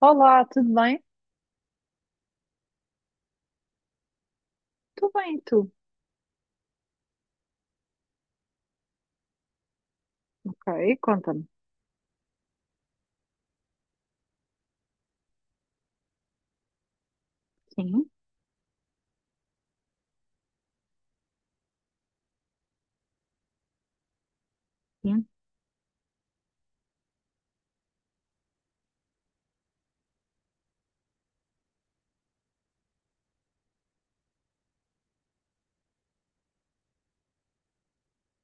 Olá, tudo bem? Tudo bem, e tu? Ok, conta-me. Sim, sim,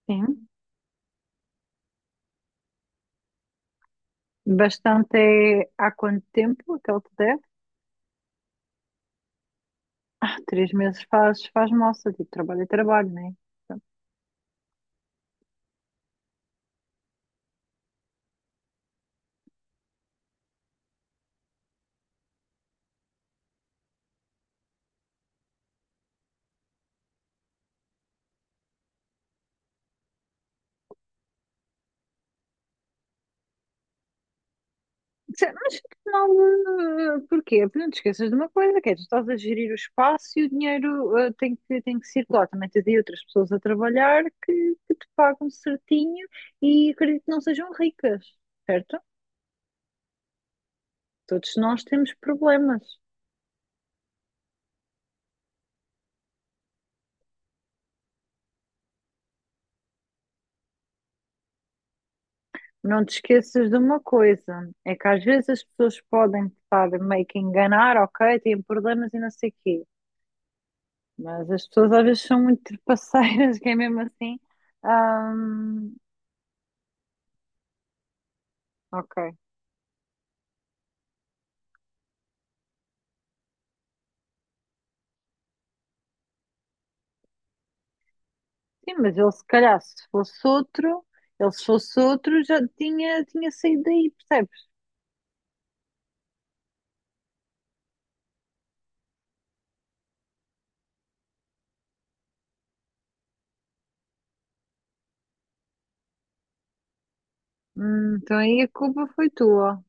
sim. Bastante é há quanto tempo aquele te der? 3 meses faz moça, tipo, trabalho é trabalho, não é? Sim, mas afinal, porquê? Porque não te esqueças de uma coisa, que é, tu estás a gerir o espaço e o dinheiro tem que circular. Também tens aí outras pessoas a trabalhar que te pagam certinho e acredito que não sejam ricas, certo? Todos nós temos problemas. Não te esqueças de uma coisa, é que às vezes as pessoas podem estar meio que a enganar, ok, têm problemas e não sei o quê, mas as pessoas às vezes são muito trapaceiras, que é mesmo assim. ahm, ok. Sim, mas ele se calhar, se fosse outro, ele se fosse outro, já tinha saído daí, percebes? Então aí a culpa foi tua.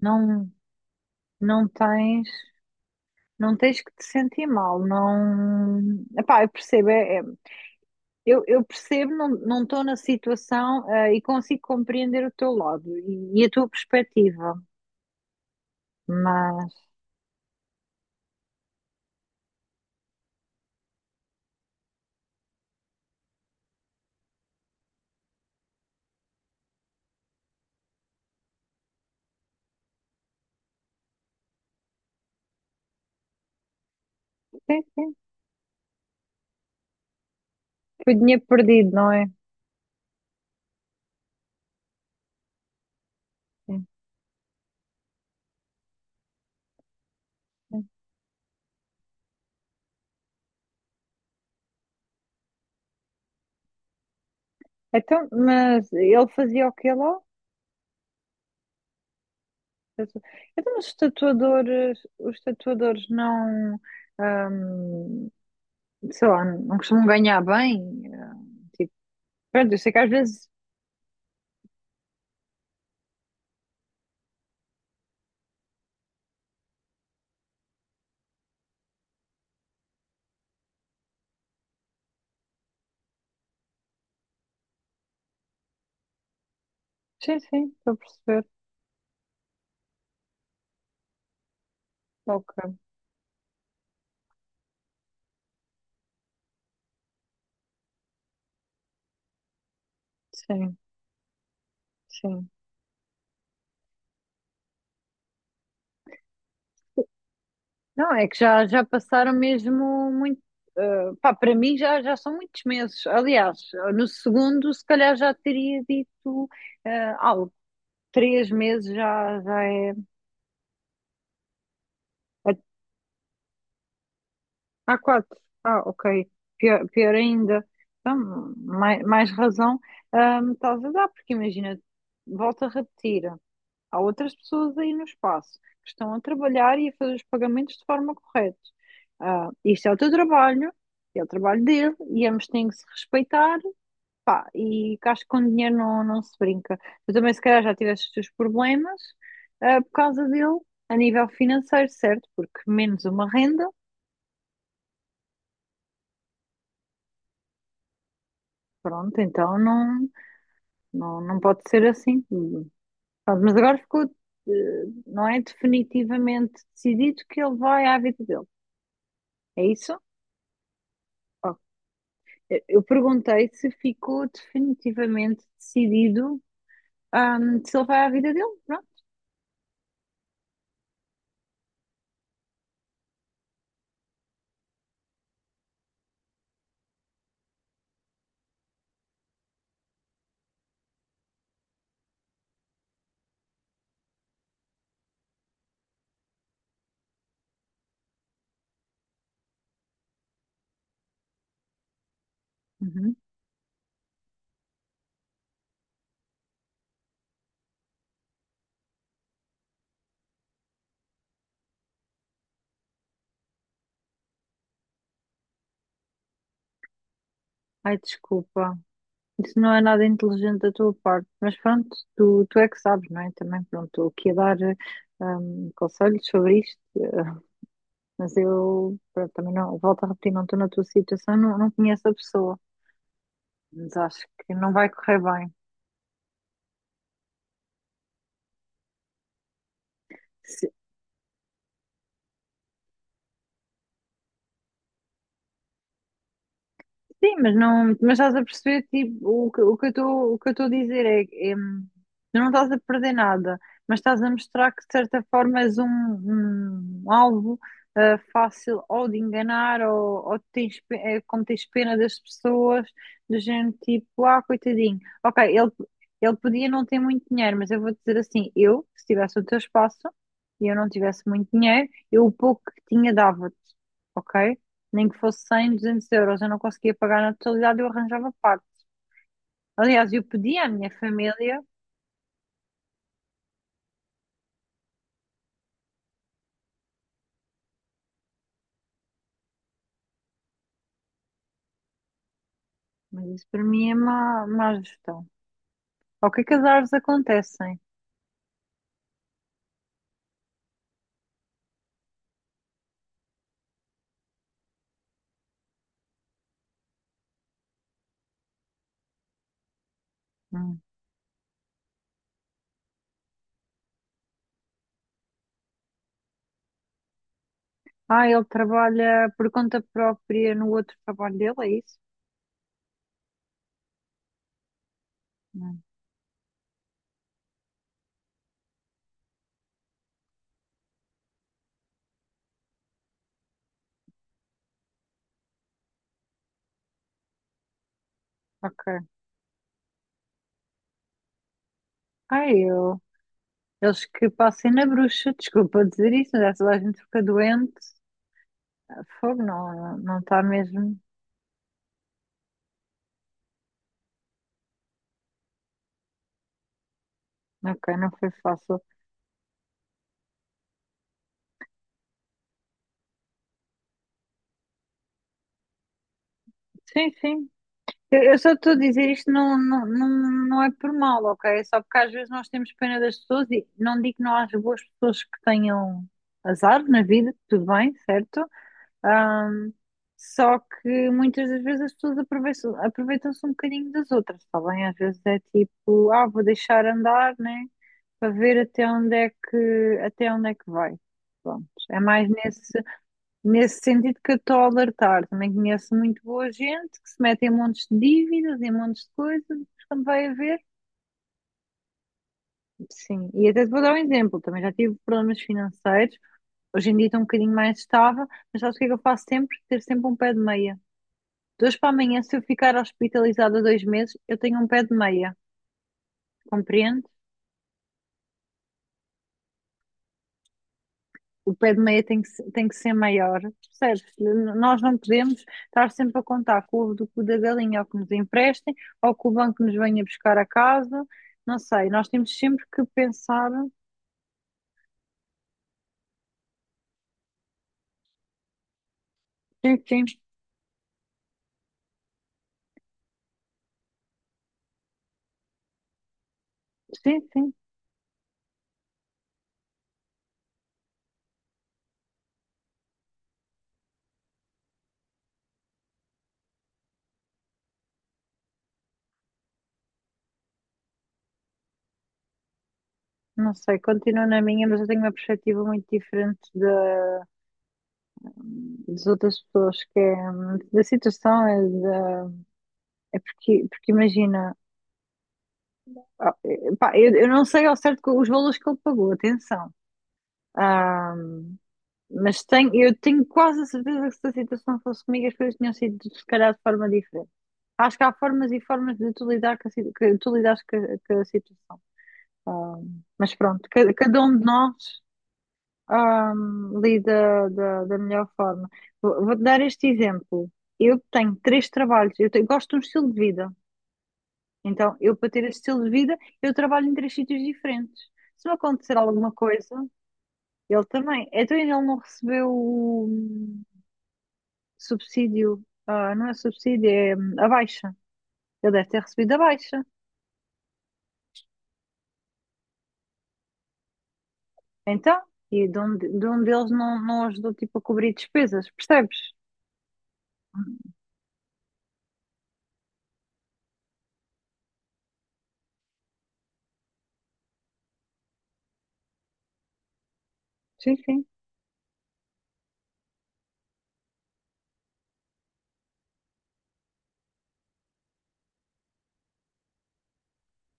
Não, não tens, não tens que te sentir mal, não. Epá, eu percebo. Eu percebo, não estou na situação, e consigo compreender o teu lado e a tua perspectiva, mas sim, sim, foi dinheiro perdido, não é? Sim, sim. Então, mas ele fazia o quê lá? Tatu-. Então, os tatuadores não, ahm, sei lá, não costumam ganhar bem. eh, Tipo, pronto, eu sei que às vezes. Sim, sim, estou a perceber. Ok, sim, sim. Não, é que já passaram mesmo muito. Pá, para mim já são muitos meses. Aliás, no segundo, se calhar já teria dito algo. 3 meses já é. Há quatro. Ah, ok. Pior, pior ainda. Então, mais razão, ah, me estás a dar, porque imagina, volto a repetir. Há outras pessoas aí no espaço que estão a trabalhar e a fazer os pagamentos de forma correta. Ah, isto é o teu trabalho, é o trabalho dele, e ambos têm que se respeitar, pá, e que acho que com dinheiro não se brinca. Tu também, se calhar, já tiveste os teus problemas, ah, por causa dele, a nível financeiro, certo? Porque menos uma renda, pronto, então não, pode ser assim. Pronto, mas agora ficou, não é definitivamente decidido que ele vai à vida dele. É isso? Eu perguntei se ficou definitivamente decidido, se ele vai à vida dele. Pronto. Uhum. Ai, desculpa. Isso não é nada inteligente da tua parte, mas pronto, tu é que sabes, não é? Também, pronto, estou aqui a dar conselhos sobre isto, mas eu, pronto, também não, volto a repetir, não estou na tua situação, não conheço a pessoa, mas acho que não vai correr bem. Sim, mas não, mas estás a perceber, tipo, o que eu estou, o que eu estou a dizer é, que, tu não estás a perder nada, mas estás a mostrar que de certa forma és um alvo fácil ou de enganar ou como tens pena das pessoas, do género tipo, ah, coitadinho. Ok, ele podia não ter muito dinheiro, mas eu vou dizer assim, eu, se tivesse o teu espaço e eu não tivesse muito dinheiro, eu o pouco que tinha dava-te, ok? Nem que fosse 100, 200 euros, eu não conseguia pagar na totalidade, eu arranjava parte. Aliás, eu pedi à minha família, mas isso para mim é má, má gestão. Ao que é que as árvores acontecem? Hum. Ah, ele trabalha por conta própria no outro trabalho dele, é isso? Hum, ok. Ah, eu. Eles que passem na bruxa, desculpa dizer isso, mas essa a gente fica doente. Ah, fogo, não está mesmo. Ok, não foi fácil. Sim, sim. Eu só estou a dizer isto não, não é por mal, ok? É só porque às vezes nós temos pena das pessoas e não digo que não haja boas pessoas que tenham azar na vida, tudo bem, certo? Ahm, Só que muitas das vezes as pessoas aproveitam-se um bocadinho das outras, está bem? Às vezes é tipo, ah, vou deixar andar, né? Para ver até onde é que vai. Pronto, é mais nesse. Nesse sentido que eu estou a alertar, também conheço muito boa gente que se mete em montes de dívidas, em montes de coisas, mas quando vai a ver, sim. E até te vou dar um exemplo, também já tive problemas financeiros, hoje em dia estou um bocadinho mais estável, mas sabes o que é que eu faço sempre? Ter sempre um pé de meia. De hoje para amanhã, se eu ficar hospitalizada 2 meses, eu tenho um pé de meia, compreende? O pé de meia tem que, tem que ser maior, percebes? Nós não podemos estar sempre a contar com o ovo do cu da galinha, ou que nos emprestem, ou que o banco nos venha buscar a casa, não sei, nós temos sempre que pensar, sim, sim, sim, sim, não sei, continuo na minha, mas eu tenho uma perspectiva muito diferente das outras pessoas, que é da situação, é, da- é porque imagina, pá, eu não sei ao certo os valores que ele pagou, atenção. Ah, mas eu tenho quase a certeza que se a situação fosse comigo, as coisas tinham sido, se calhar, de forma diferente. Acho que há formas e formas de tu lidar que tu lidares com a situação. Ah, mas pronto, cada um de nós, ah, lida da melhor forma. Vou-te dar este exemplo. Eu tenho três trabalhos, gosto de um estilo de vida. Então, eu para ter esse estilo de vida, eu trabalho em três sítios diferentes. Se me acontecer alguma coisa, ele também. Então, ele não recebeu subsídio, ah, não é subsídio, é a baixa. Ele deve ter recebido a baixa. Então, e de um deles não, ajudou tipo a cobrir despesas, percebes? Sim, sim.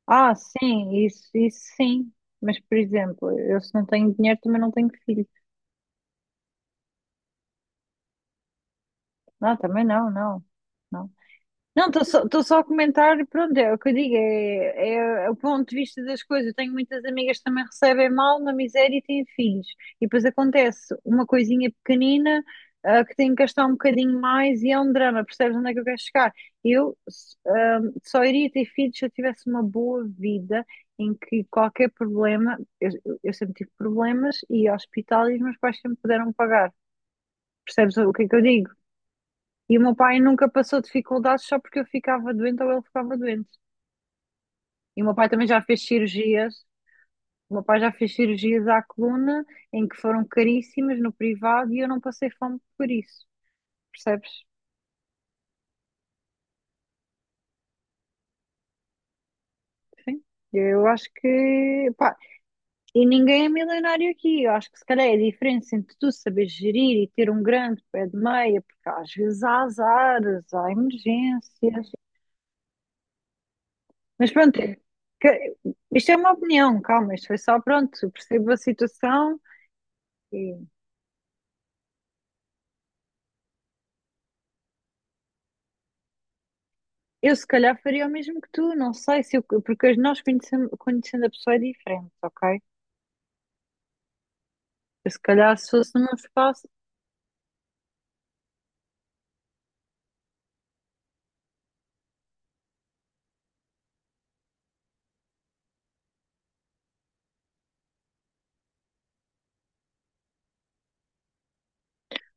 Ah, sim, isso sim. Mas, por exemplo, eu se não tenho dinheiro também não tenho filho. Não, também não, não. Não. Não, tô só a comentar, pronto, é o que eu digo, é o ponto de vista das coisas. Eu tenho muitas amigas que também recebem mal na miséria e têm filhos. E depois acontece uma coisinha pequenina, que tem que gastar um bocadinho mais e é um drama, percebes onde é que eu quero chegar? Eu, só iria ter filhos se eu tivesse uma boa vida em que qualquer problema, eu sempre tive problemas e hospital e os meus pais sempre puderam pagar. Percebes o que é que eu digo? E o meu pai nunca passou dificuldades só porque eu ficava doente ou ele ficava doente. E o meu pai também já fez cirurgias. O meu pai já fez cirurgias à coluna em que foram caríssimas no privado e eu não passei fome por isso. Percebes? Sim. Eu acho que, pá, e ninguém é milionário aqui. Eu acho que se calhar é a diferença entre tu saber gerir e ter um grande pé de meia, porque às vezes há azares, há emergências. Mas pronto, que- isto é uma opinião, calma, isto foi só pronto, eu percebo a situação. Sim. Eu se calhar faria o mesmo que tu, não sei se eu, porque nós conhecendo a pessoa é diferente, ok? Eu se calhar se fosse num espaço,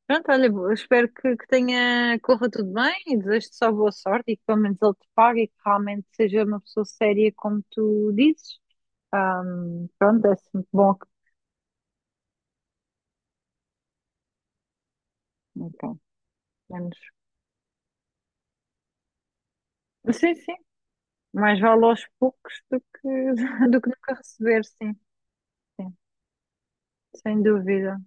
pronto, olha, eu espero que corra tudo bem e desejo-te só boa sorte e que pelo menos ele te pague e que realmente seja uma pessoa séria como tu dizes. Pronto, é sempre bom que, então, menos. Sim, sim, mais vale aos poucos do que, do que nunca receber, sim, sim, sem dúvida.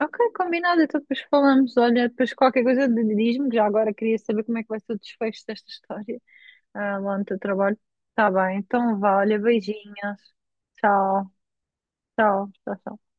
Ok, combinado. Então depois falamos. Olha, depois qualquer coisa diz-me. Já agora queria saber como é que vai ser o desfecho desta história, lá no teu trabalho. Tá bem, então vá. Olha, beijinhos. Tchau, tchau, tchau. Tchau.